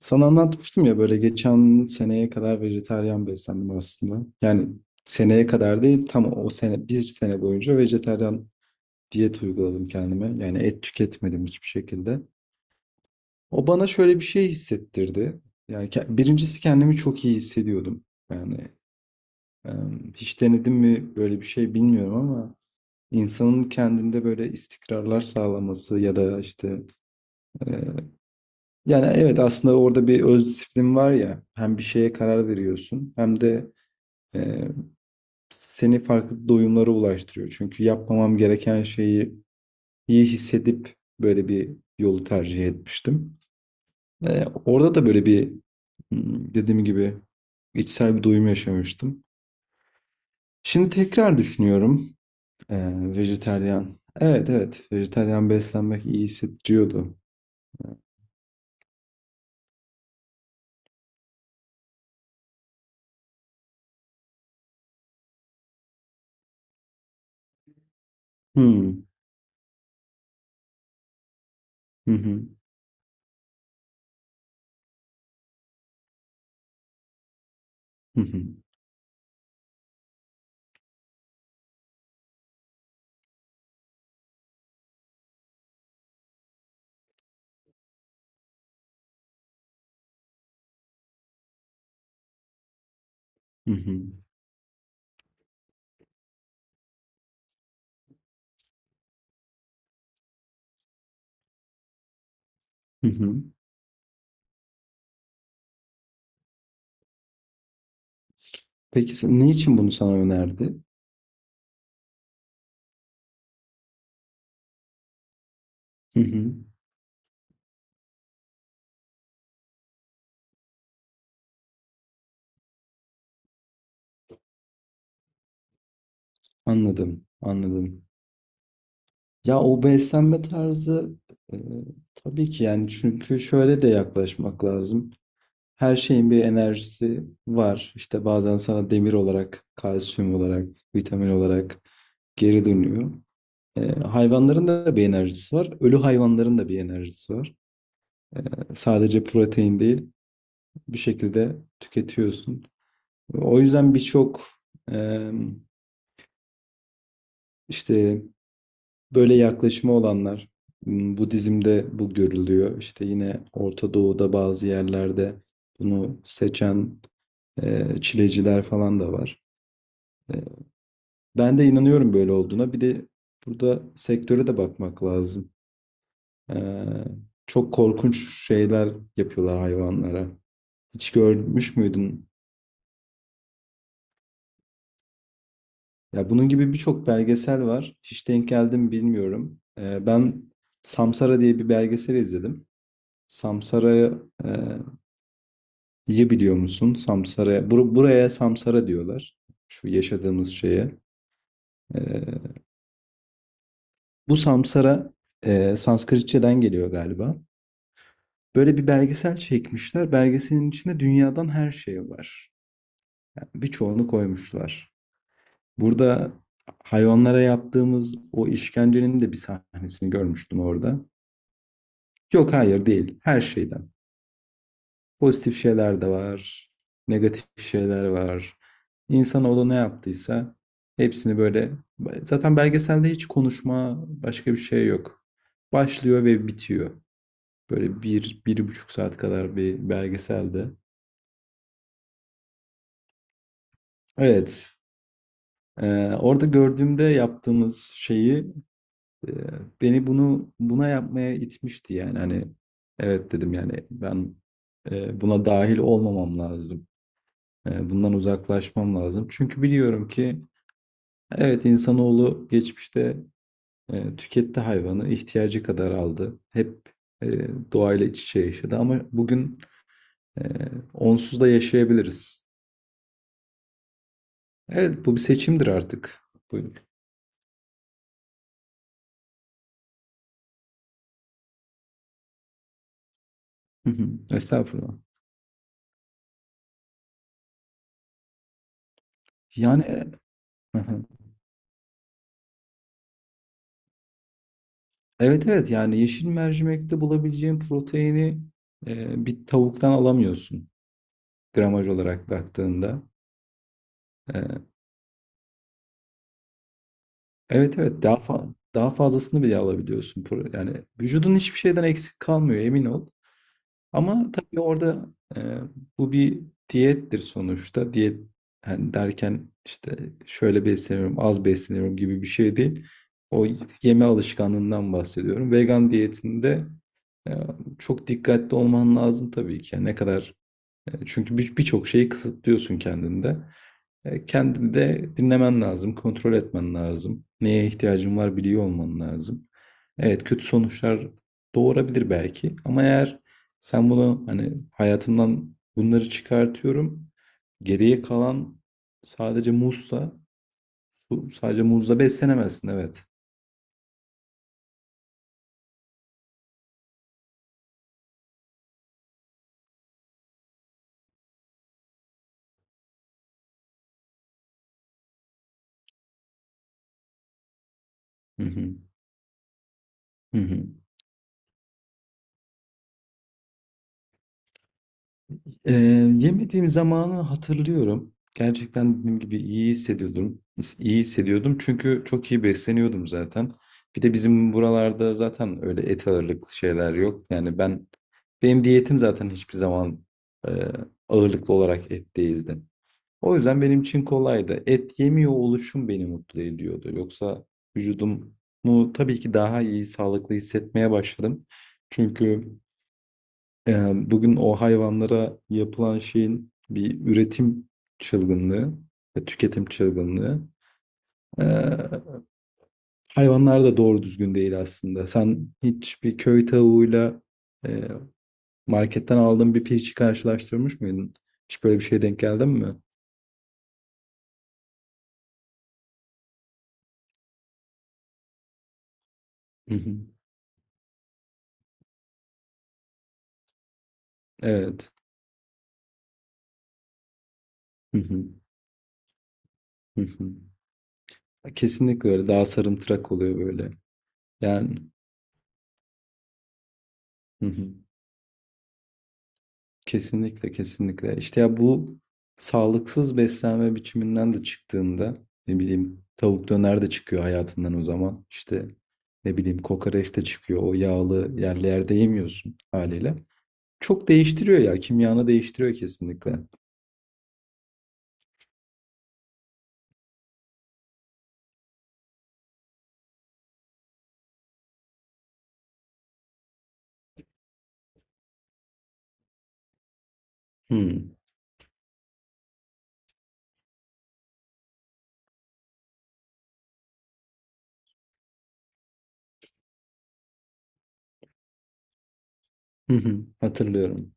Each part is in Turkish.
Sana anlatmıştım ya böyle geçen seneye kadar vejetaryen beslendim aslında. Seneye kadar değil, tam o sene bir sene boyunca vejetaryen diyet uyguladım kendime. Yani et tüketmedim hiçbir şekilde. O bana şöyle bir şey hissettirdi. Yani birincisi kendimi çok iyi hissediyordum. Yani hiç denedim mi böyle bir şey bilmiyorum ama insanın kendinde böyle istikrarlar sağlaması ya da işte. Yani evet, aslında orada bir öz disiplin var ya, hem bir şeye karar veriyorsun hem de e, seni farklı doyumlara ulaştırıyor. Çünkü yapmamam gereken şeyi iyi hissedip böyle bir yolu tercih etmiştim. Orada da böyle bir dediğim gibi içsel bir doyum yaşamıştım. Şimdi tekrar düşünüyorum e, vejetaryen. Evet evet, vejetaryen beslenmek iyi hissettiriyordu. Hmm. Hı hı. Hı hı. Hı hı. Hı hı. Peki ne için bunu sana önerdi? Hı hı. Anladım, anladım. Ya o beslenme tarzı, e, tabii ki, yani çünkü şöyle de yaklaşmak lazım. Her şeyin bir enerjisi var. İşte bazen sana demir olarak, kalsiyum olarak, vitamin olarak geri dönüyor. E, hayvanların da bir enerjisi var. Ölü hayvanların da bir enerjisi var. E, sadece protein değil, bir şekilde tüketiyorsun. O yüzden birçok e, işte böyle yaklaşımı olanlar, Budizm'de bu görülüyor. İşte yine Orta Doğu'da bazı yerlerde bunu seçen çileciler falan da var. E, ben de inanıyorum böyle olduğuna. Bir de burada sektöre de bakmak lazım. E, çok korkunç şeyler yapıyorlar hayvanlara. Hiç görmüş müydün? Ya bunun gibi birçok belgesel var. Hiç denk geldim bilmiyorum. Ben Samsara diye bir belgesel izledim. Samsara'ya e, biliyor musun? Samsara. Buraya Samsara diyorlar. Şu yaşadığımız şeye. Ee, bu Samsara Sanskritçeden geliyor galiba. Böyle bir belgesel çekmişler. Belgeselin içinde dünyadan her şey var. Yani birçoğunu koymuşlar. Burada hayvanlara yaptığımız o işkencenin de bir sahnesini görmüştüm orada. Yok hayır, değil. Her şeyden. Pozitif şeyler de var. Negatif şeyler var. İnsanoğlu ne yaptıysa hepsini böyle, zaten belgeselde hiç konuşma başka bir şey yok. Başlıyor ve bitiyor. Böyle bir, bir buçuk saat kadar bir belgeselde. Evet. Orada gördüğümde yaptığımız şeyi e, beni buna yapmaya itmişti, yani hani evet dedim, yani ben buna dahil olmamam lazım. Bundan uzaklaşmam lazım. Çünkü biliyorum ki evet, insanoğlu geçmişte tüketti hayvanı, ihtiyacı kadar aldı. Hep e, doğayla iç içe yaşadı, ama bugün e, onsuz da yaşayabiliriz. Evet, bu bir seçimdir artık. Buyurun. Hı hı, estağfurullah. Yani hı hı. Evet evet, yani yeşil mercimekte bulabileceğin proteini bir tavuktan alamıyorsun gramaj olarak baktığında. E, evet evet, daha fazlasını bile alabiliyorsun. Yani vücudun hiçbir şeyden eksik kalmıyor, emin ol. Ama tabii orada e, bu bir diyettir sonuçta. Diyet hani derken işte şöyle besleniyorum, az besleniyorum gibi bir şey değil. O yeme alışkanlığından bahsediyorum. Vegan diyetinde e, çok dikkatli olman lazım tabii ki. Yani ne kadar çünkü birçok şeyi kısıtlıyorsun kendinde. E, kendini de dinlemen lazım, kontrol etmen lazım. Neye ihtiyacın var biliyor olman lazım. Evet, kötü sonuçlar doğurabilir belki, ama eğer sen bunu hani hayatımdan bunları çıkartıyorum, geriye kalan sadece muzsa, sadece muzla beslenemezsin, evet. Hı hı. Hı hı. Ee, yemediğim zamanı hatırlıyorum. Gerçekten dediğim gibi iyi hissediyordum. İyi hissediyordum çünkü çok iyi besleniyordum zaten. Bir de bizim buralarda zaten öyle et ağırlıklı şeyler yok. Yani benim diyetim zaten hiçbir zaman e, ağırlıklı olarak et değildi. O yüzden benim için kolaydı. Et yemiyor oluşum beni mutlu ediyordu. Yoksa vücudumu tabii ki daha iyi, sağlıklı hissetmeye başladım. Çünkü e, bugün o hayvanlara yapılan şeyin bir üretim çılgınlığı ve tüketim çılgınlığı. E, hayvanlar da doğru düzgün değil aslında. Sen hiçbir köy tavuğuyla e, marketten aldığın bir pirinci karşılaştırmış mıydın? Hiç böyle bir şeye denk geldin mi? Hı hı. Evet. Hı hı. Hı hı. Kesinlikle öyle. Daha sarımtırak oluyor böyle. Yani. Hı hı. Kesinlikle, kesinlikle. İşte ya bu sağlıksız beslenme biçiminden de çıktığında ne bileyim tavuk döner de çıkıyor hayatından o zaman. İşte ne bileyim kokoreç de çıkıyor. O yağlı yerlerde yemiyorsun haliyle. Çok değiştiriyor ya. Kimyanı değiştiriyor kesinlikle. Hmm. Hı hı. Hatırlıyorum.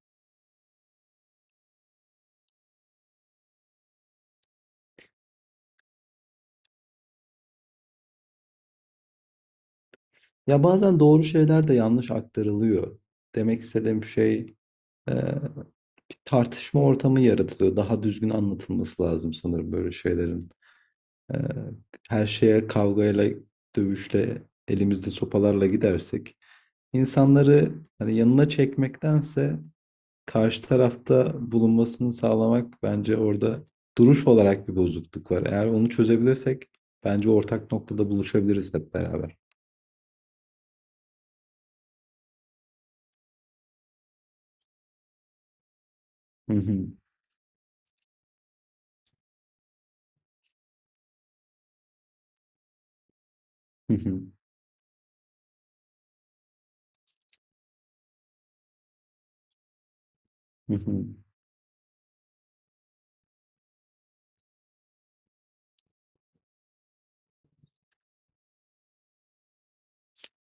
Ya bazen doğru şeyler de yanlış aktarılıyor. Demek istediğim şey e, bir tartışma ortamı yaratılıyor. Daha düzgün anlatılması lazım sanırım böyle şeylerin. Ee, her şeye kavgayla, dövüşle, elimizde sopalarla gidersek insanları hani yanına çekmektense karşı tarafta bulunmasını sağlamak bence orada duruş olarak bir bozukluk var. Eğer onu çözebilirsek bence ortak noktada buluşabiliriz hep beraber. Hı hı, hı hı, hı hı.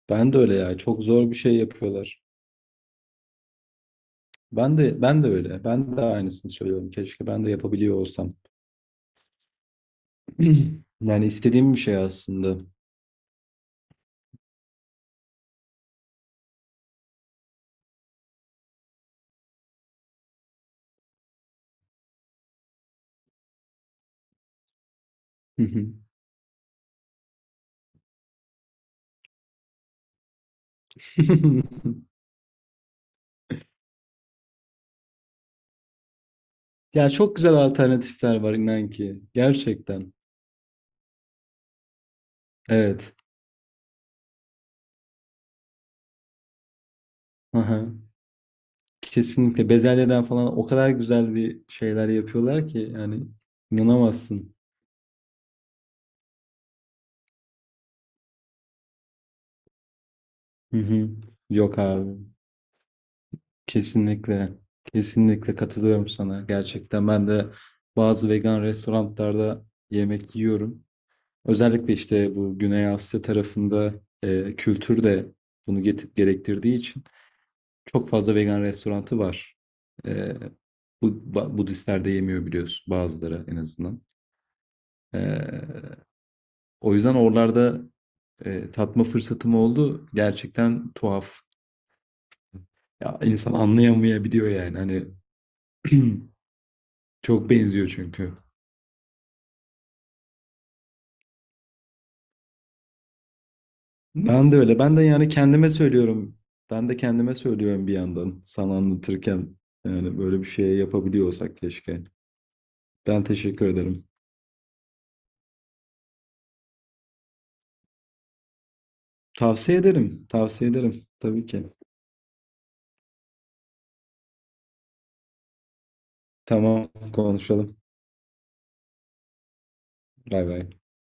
Ben de öyle ya. Çok zor bir şey yapıyorlar. Ben de öyle. Ben de aynısını söylüyorum. Keşke ben de yapabiliyor olsam. Yani istediğim bir şey aslında. Ya çok güzel alternatifler var, inan ki. Gerçekten. Evet. Aha. Kesinlikle. Bezelyeden falan o kadar güzel bir şeyler yapıyorlar ki, yani inanamazsın. Hı hı. Yok abi. Kesinlikle. Kesinlikle katılıyorum sana. Gerçekten ben de bazı vegan restoranlarda yemek yiyorum. Özellikle işte bu Güney Asya tarafında kültür de bunu gerektirdiği için. Çok fazla vegan restoranı var. Ee, bu Budistler de yemiyor biliyorsun, bazıları en azından. Ee, o yüzden oralarda tatma fırsatım oldu. Gerçekten tuhaf. Ya insan anlayamayabiliyor yani. Hani çok benziyor çünkü. Ben de öyle. Ben de yani kendime söylüyorum. Ben de kendime söylüyorum bir yandan sana anlatırken. Yani böyle bir şey yapabiliyorsak keşke. Ben teşekkür ederim. Tavsiye ederim. Tavsiye ederim. Tabii ki. Tamam, konuşalım. Bay bay.